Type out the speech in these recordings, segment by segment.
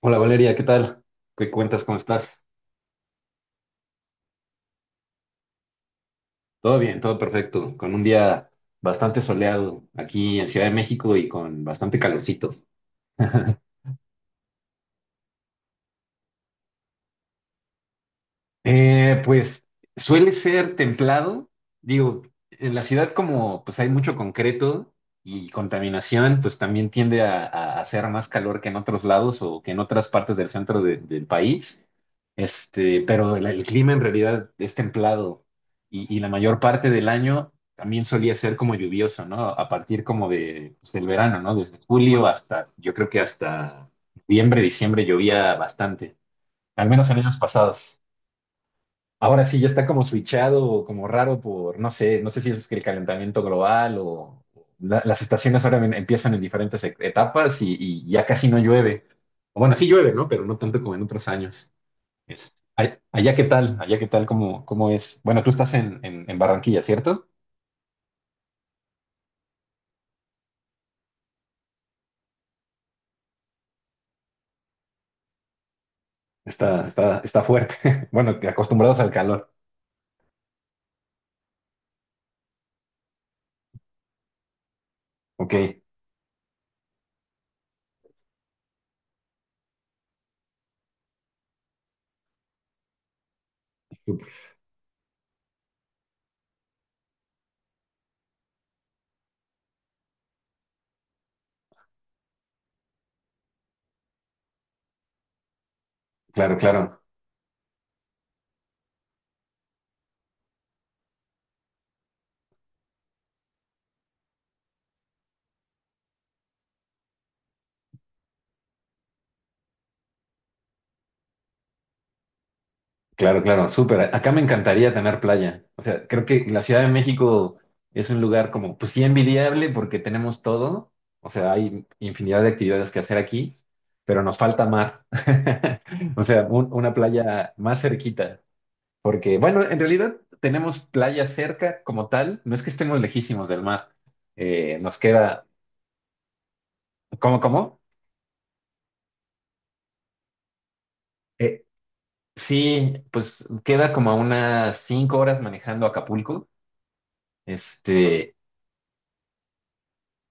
Hola Valeria, ¿qué tal? ¿Qué cuentas? ¿Cómo estás? Todo bien, todo perfecto. Con un día bastante soleado aquí en Ciudad de México y con bastante calorcito. Pues suele ser templado. Digo, en la ciudad, como pues hay mucho concreto y contaminación, pues también tiende a hacer más calor que en otros lados o que en otras partes del centro del país. Pero el clima en realidad es templado, y la mayor parte del año también solía ser como lluvioso, ¿no? A partir como pues, del verano, ¿no? Desde julio hasta, yo creo que hasta noviembre, diciembre llovía bastante, al menos en años pasados. Ahora sí, ya está como switchado, como raro por, no sé si es que el calentamiento global o las estaciones ahora empiezan en diferentes etapas, y ya casi no llueve. O bueno, sí llueve, ¿no? Pero no tanto como en otros años. Allá qué tal, cómo es. Bueno, tú estás en Barranquilla, ¿cierto? Está, está, está fuerte. Bueno, que acostumbrados al calor. Ok, claro, claro. Claro, claro, súper. Acá me encantaría tener playa. O sea, creo que la Ciudad de México es un lugar como, pues sí, envidiable porque tenemos todo. O sea, hay infinidad de actividades que hacer aquí, pero nos falta mar. O sea, una playa más cerquita. Porque, bueno, en realidad tenemos playa cerca como tal. No es que estemos lejísimos del mar. Nos queda. Cómo Eh, sí, pues queda como a unas cinco horas manejando a Acapulco. Este.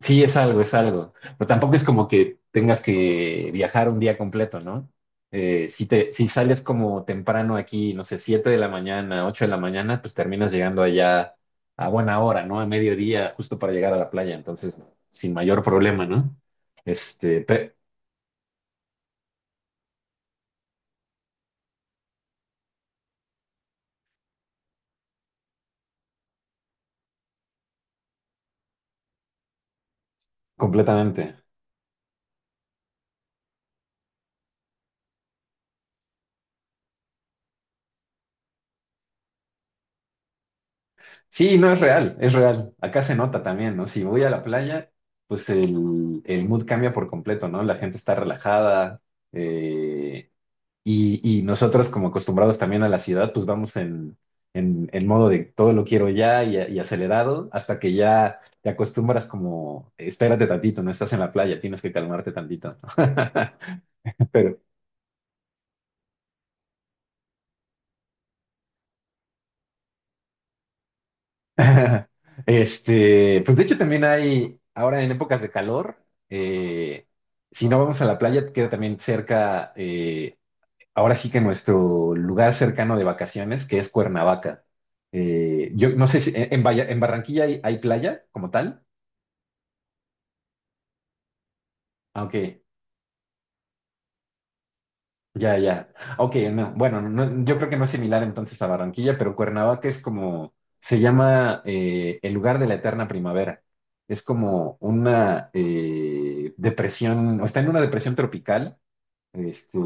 Sí, es algo, es algo. Pero tampoco es como que tengas que viajar un día completo, ¿no? Si sales como temprano aquí, no sé, 7 de la mañana, 8 de la mañana, pues terminas llegando allá a buena hora, ¿no? A mediodía, justo para llegar a la playa. Entonces, sin mayor problema, ¿no? Este, pe- Completamente. Sí, no es real, es real. Acá se nota también, ¿no? Si voy a la playa, pues el mood cambia por completo, ¿no? La gente está relajada. Eh, Y, y nosotros, como acostumbrados también a la ciudad, pues vamos en modo de todo lo quiero ya, y acelerado, hasta que ya te acostumbras como, espérate tantito, no estás en la playa, tienes que calmarte tantito. Pero, pues de hecho también hay, ahora en épocas de calor, si no vamos a la playa, queda también cerca, ahora sí que nuestro lugar cercano de vacaciones, que es Cuernavaca. Yo no sé si en Barranquilla hay, hay playa como tal. Aunque ya, ya. Ok, no, bueno, yo creo que no es similar entonces a Barranquilla, pero Cuernavaca es como, se llama, el lugar de la eterna primavera. Es como una, depresión, o está en una depresión tropical. Este,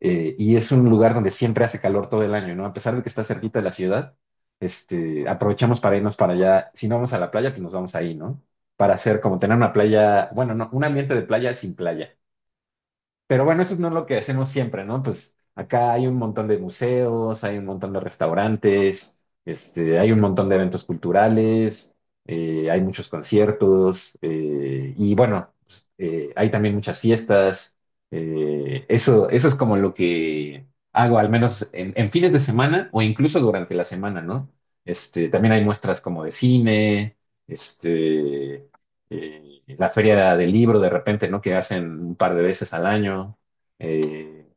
y es un lugar donde siempre hace calor todo el año, ¿no? A pesar de que está cerquita de la ciudad, aprovechamos para irnos para allá. Si no vamos a la playa, pues nos vamos ahí, ¿no? Para hacer como tener una playa, bueno, no, un ambiente de playa sin playa. Pero bueno, eso no es no lo que hacemos siempre, ¿no? Pues acá hay un montón de museos, hay un montón de restaurantes, hay un montón de eventos culturales, hay muchos conciertos, y bueno, pues, hay también muchas fiestas. Eso es como lo que hago, al menos en fines de semana o incluso durante la semana, ¿no? También hay muestras como de cine, este, la feria del libro de repente, ¿no? Que hacen un par de veces al año. Eh,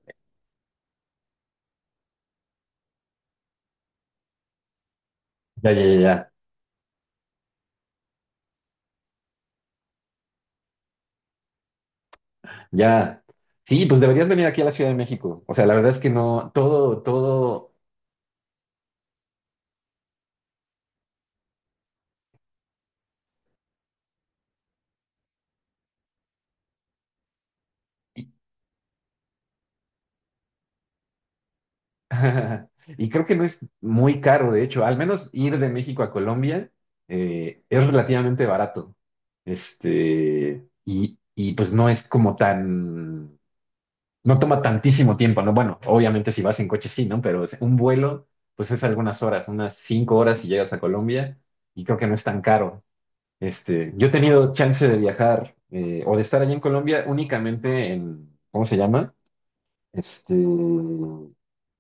ya, ya, ya, ya. Ya. Sí, pues deberías venir aquí a la Ciudad de México. O sea, la verdad es que no, todo, todo. Y, y creo que no es muy caro, de hecho. Al menos ir de México a Colombia es relativamente barato. Y pues no es como tan. No toma tantísimo tiempo, ¿no? Bueno, obviamente si vas en coche sí, ¿no? Pero un vuelo, pues es algunas horas, unas cinco horas, y llegas a Colombia y creo que no es tan caro. Yo he tenido chance de viajar, o de estar allí en Colombia únicamente en, ¿cómo se llama? Este,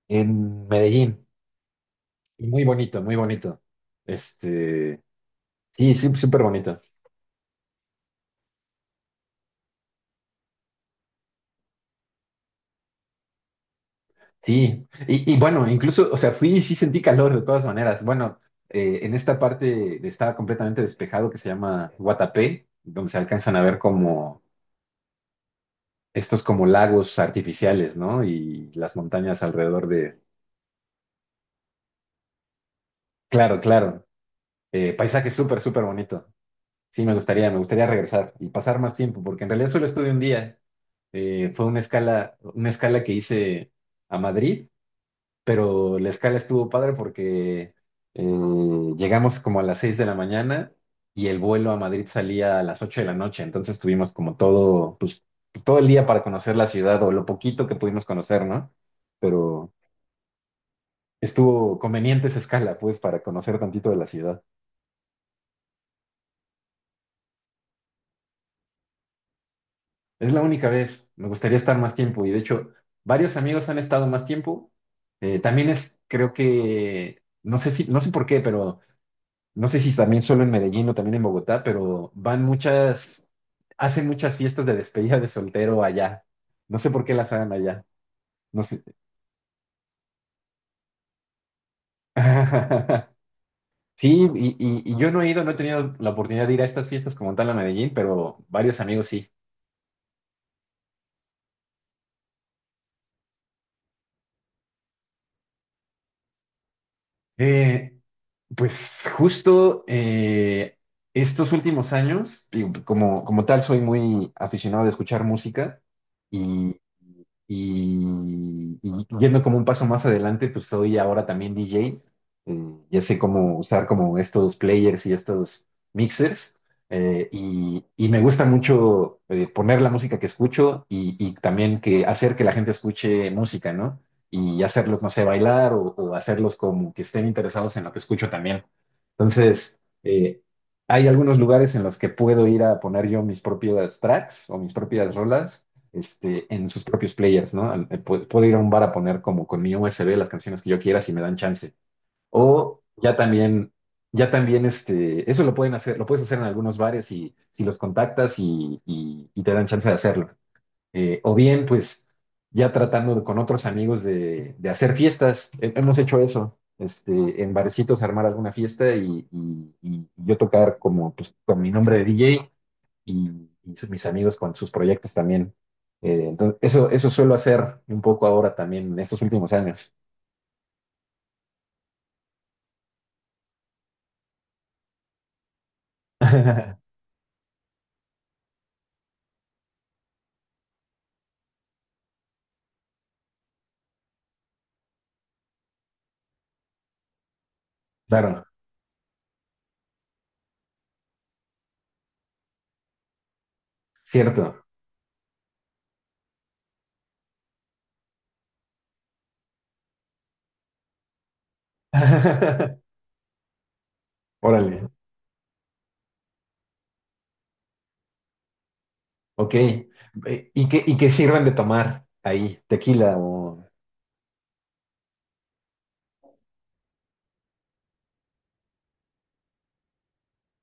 en Medellín. Y muy bonito, muy bonito. Este, sí, sí, súper bonito. Sí, y bueno, incluso, o sea, fui y sí sentí calor de todas maneras. Bueno, en esta parte estaba completamente despejado, que se llama Guatapé, donde se alcanzan a ver como estos como lagos artificiales, ¿no? Y las montañas alrededor de. Claro, claro. Paisaje súper, súper bonito. Sí, me gustaría regresar y pasar más tiempo, porque en realidad solo estuve un día. Fue una escala que hice a Madrid, pero la escala estuvo padre porque, eh, llegamos como a las 6 de la mañana y el vuelo a Madrid salía a las 8 de la noche. Entonces tuvimos como todo, pues, todo el día para conocer la ciudad o lo poquito que pudimos conocer, ¿no? Pero estuvo conveniente esa escala, pues, para conocer tantito de la ciudad. Es la única vez. Me gustaría estar más tiempo y de hecho varios amigos han estado más tiempo. También es, creo que, no sé si, no sé por qué, pero no sé si también solo en Medellín o también en Bogotá, pero van muchas, hacen muchas fiestas de despedida de soltero allá. No sé por qué las hagan allá. No sé. Sí, y yo no he ido, no he tenido la oportunidad de ir a estas fiestas como tal a Medellín, pero varios amigos sí. Eh, pues justo, estos últimos años, digo, como tal, soy muy aficionado de escuchar música. Y, y yendo como un paso más adelante, pues soy ahora también DJ. Eh, ya sé cómo usar como estos players y estos mixers. Y me gusta mucho, poner la música que escucho y también que hacer que la gente escuche música, ¿no? Y hacerlos, no sé, bailar o hacerlos como que estén interesados en lo que escucho también. Entonces, hay algunos lugares en los que puedo ir a poner yo mis propias tracks o mis propias rolas, en sus propios players, ¿no? Puedo ir a un bar a poner como con mi USB las canciones que yo quiera si me dan chance. O ya también, eso lo pueden hacer, lo puedes hacer en algunos bares, y si los contactas y te dan chance de hacerlo. O bien, pues, ya tratando de, con otros amigos de hacer fiestas. Hemos hecho eso. En barecitos armar alguna fiesta, y yo tocar como pues, con mi nombre de DJ, y mis amigos con sus proyectos también. Entonces, eso suelo hacer un poco ahora también en estos últimos años. Claro, cierto. Órale, ok. ¿Y qué sirven de tomar ahí? ¿Tequila o?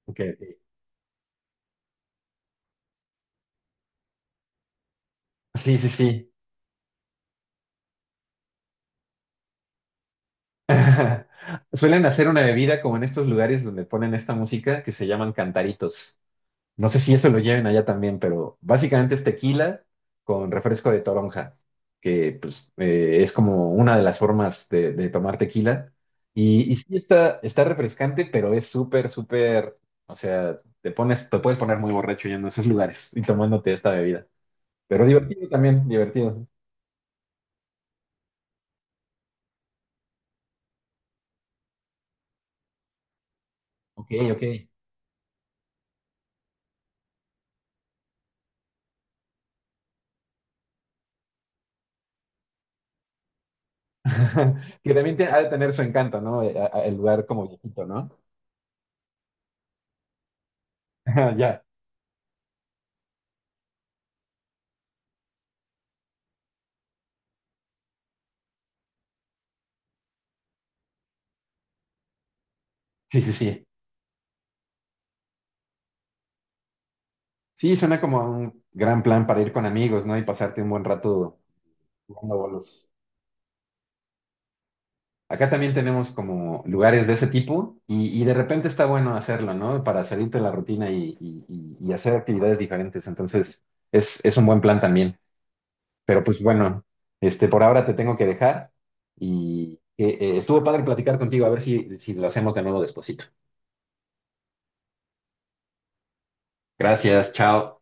Ok, ok. Sí, sí, sí. Suelen hacer una bebida como en estos lugares donde ponen esta música que se llaman cantaritos. No sé si eso lo lleven allá también, pero básicamente es tequila con refresco de toronja, que pues, es como una de las formas de tomar tequila. Y sí está, está refrescante, pero es súper, súper, o sea, te pones, te puedes poner muy borracho yendo a esos lugares y tomándote esta bebida. Pero divertido también, divertido. Ok, ok. Que también ha de tener su encanto, ¿no? El lugar como viejito, ¿no? Ya, sí, sí, sí. Sí, suena como un gran plan para ir con amigos, ¿no? Y pasarte un buen rato jugando bolos. Acá también tenemos como lugares de ese tipo, y de repente está bueno hacerlo, ¿no? Para salirte de la rutina y hacer actividades diferentes. Entonces, es un buen plan también. Pero pues bueno, por ahora te tengo que dejar y, estuvo padre platicar contigo, a ver si, lo hacemos de nuevo despuesito. Gracias, chao.